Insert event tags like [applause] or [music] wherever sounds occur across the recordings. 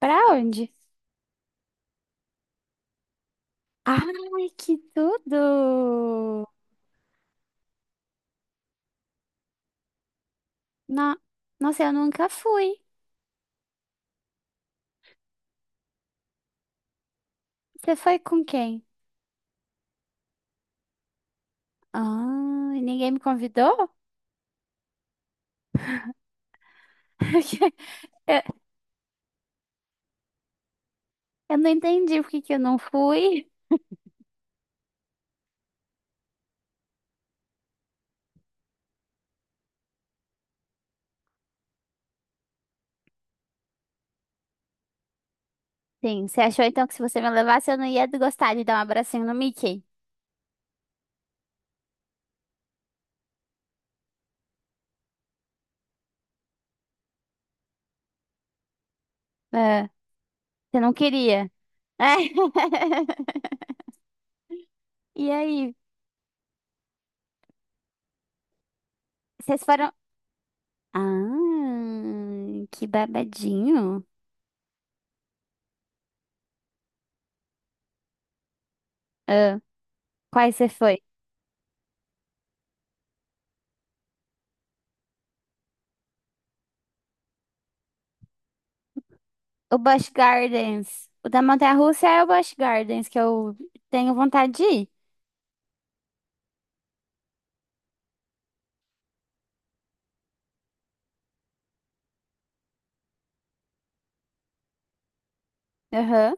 Pra onde? Ai, que tudo! Na... Nossa, eu nunca fui. Você foi com quem? Ah, e ninguém me convidou? [laughs] Eu, eu não entendi por que que eu não fui. Sim, você achou então que se você me levasse eu não ia gostar de dar um abracinho no Mickey? Ah, você não queria? [laughs] E aí, vocês foram... Ah, que babadinho. Ah, quais você foi? O Busch Gardens. O da Montanha-Russa é o Busch Gardens, que eu tenho vontade de ir. Aham.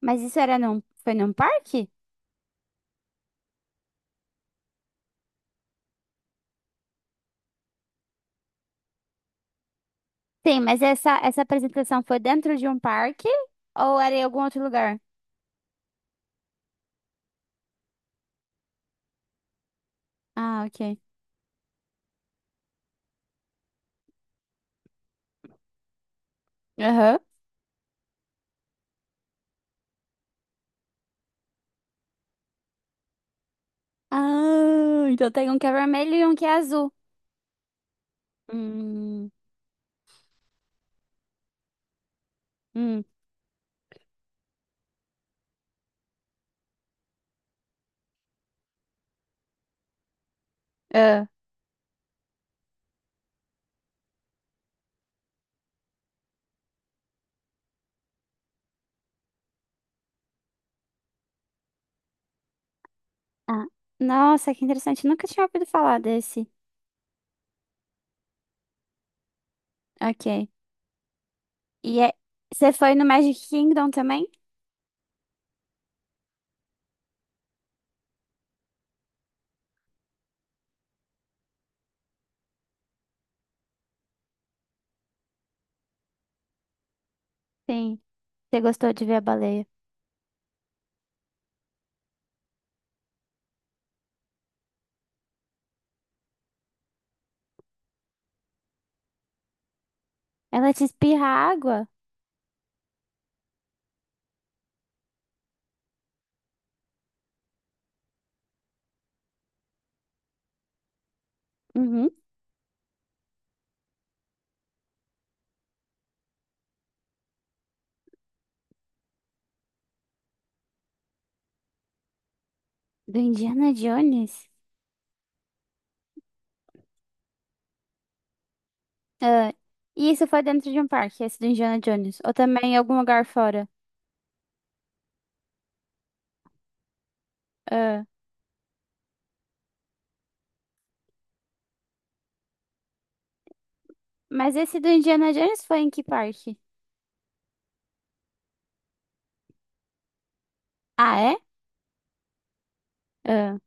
Mas isso era num, foi num parque? Sim, mas essa apresentação foi dentro de um parque ou era em algum outro lugar? Ah, ok. Aham. Ah, então tem um que é vermelho e um que é azul. Hum, hum, ah. Ah, nossa, que interessante. Nunca tinha ouvido falar desse. Ok. E é- Você foi no Magic Kingdom também? Sim. Você gostou de ver a baleia? Ela te espirra água? Uhum. Do Indiana Jones? Ah, e isso foi dentro de um parque, esse do Indiana Jones. Ou também em algum lugar fora. Ah, mas esse do Indiana Jones foi em que parque? Ah, é? Ah,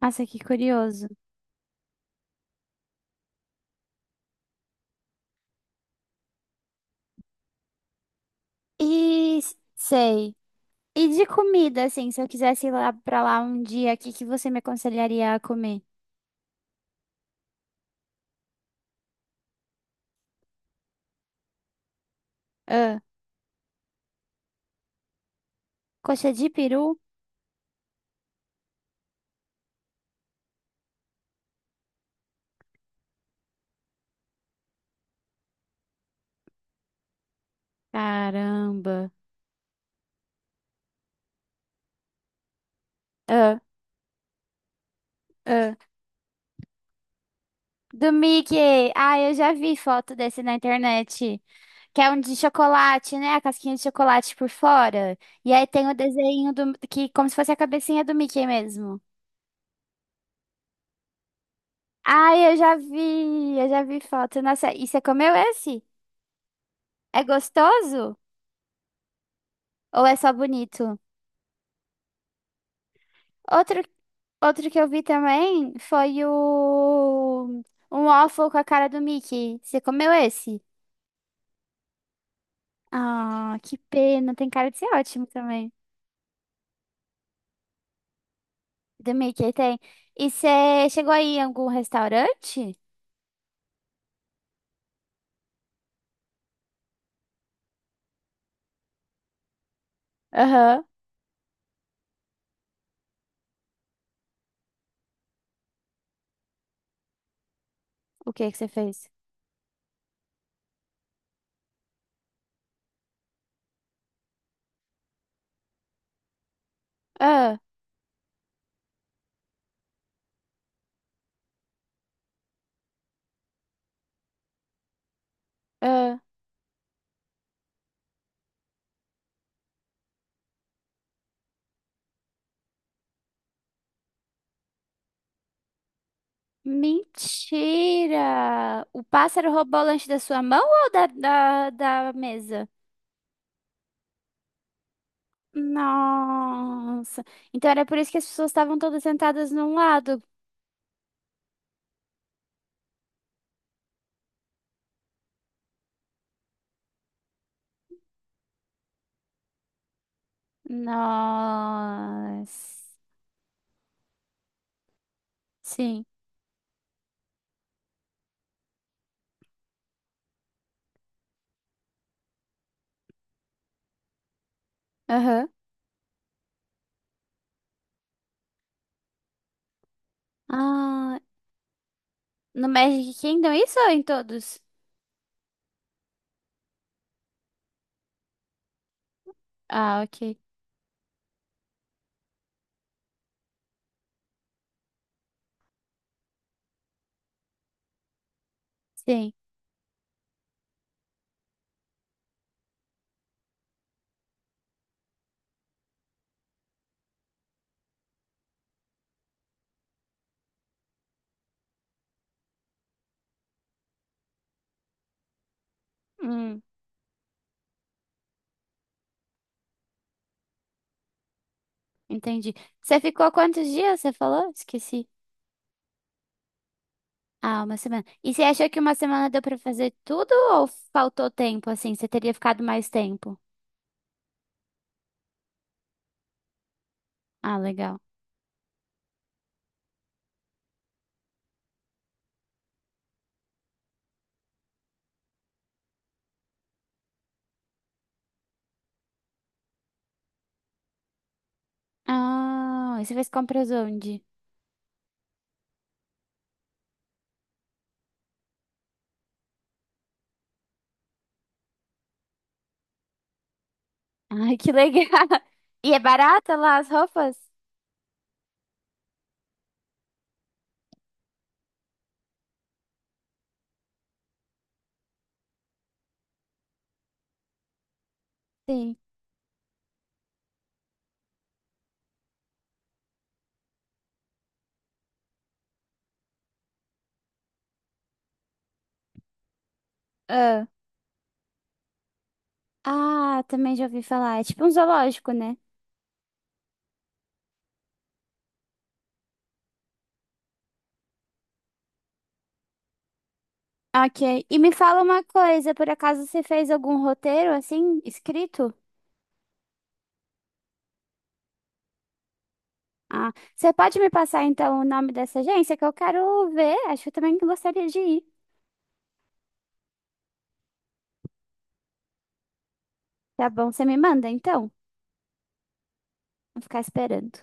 nossa, que curioso. Sei. E de comida, assim, se eu quisesse ir lá pra lá um dia, o que que você me aconselharia a comer? Ah, coxa de peru? Caramba. Ah, ah. Do Mickey. Ah, eu já vi foto desse na internet. Que é um de chocolate, né? A casquinha de chocolate por fora. E aí tem o desenho do, que como se fosse a cabecinha do Mickey mesmo. Ai, eu já vi foto. Nossa, e você comeu esse? É gostoso ou é só bonito? Outro, outro que eu vi também foi o um waffle com a cara do Mickey. Você comeu esse? Ah, que pena. Tem cara de ser ótimo também. Do Mickey tem. E você chegou aí em algum restaurante? Aham. O que que você fez? Ah, ah, mentira! O pássaro roubou o lanche da sua mão ou da mesa? Nossa! Então era por isso que as pessoas estavam todas sentadas num lado. Nossa! Sim. Aham. Ah, no Magic Kingdom, isso ou em todos? Ah, ok. Sim. Hum, entendi. Você ficou quantos dias? Você falou? Esqueci. Ah, uma semana. E você achou que uma semana deu pra fazer tudo ou faltou tempo, assim? Você teria ficado mais tempo? Ah, legal. Ah, e você fez compras onde? [laughs] Ai, que legal. [laughs] E é barata lá as roupas? Sim. Ah, ah, também já ouvi falar. É tipo um zoológico, né? Ok. E me fala uma coisa, por acaso você fez algum roteiro assim, escrito? Ah, você pode me passar então o nome dessa agência que eu quero ver? Acho que eu também gostaria de ir. Tá bom, você me manda então? Vou ficar esperando.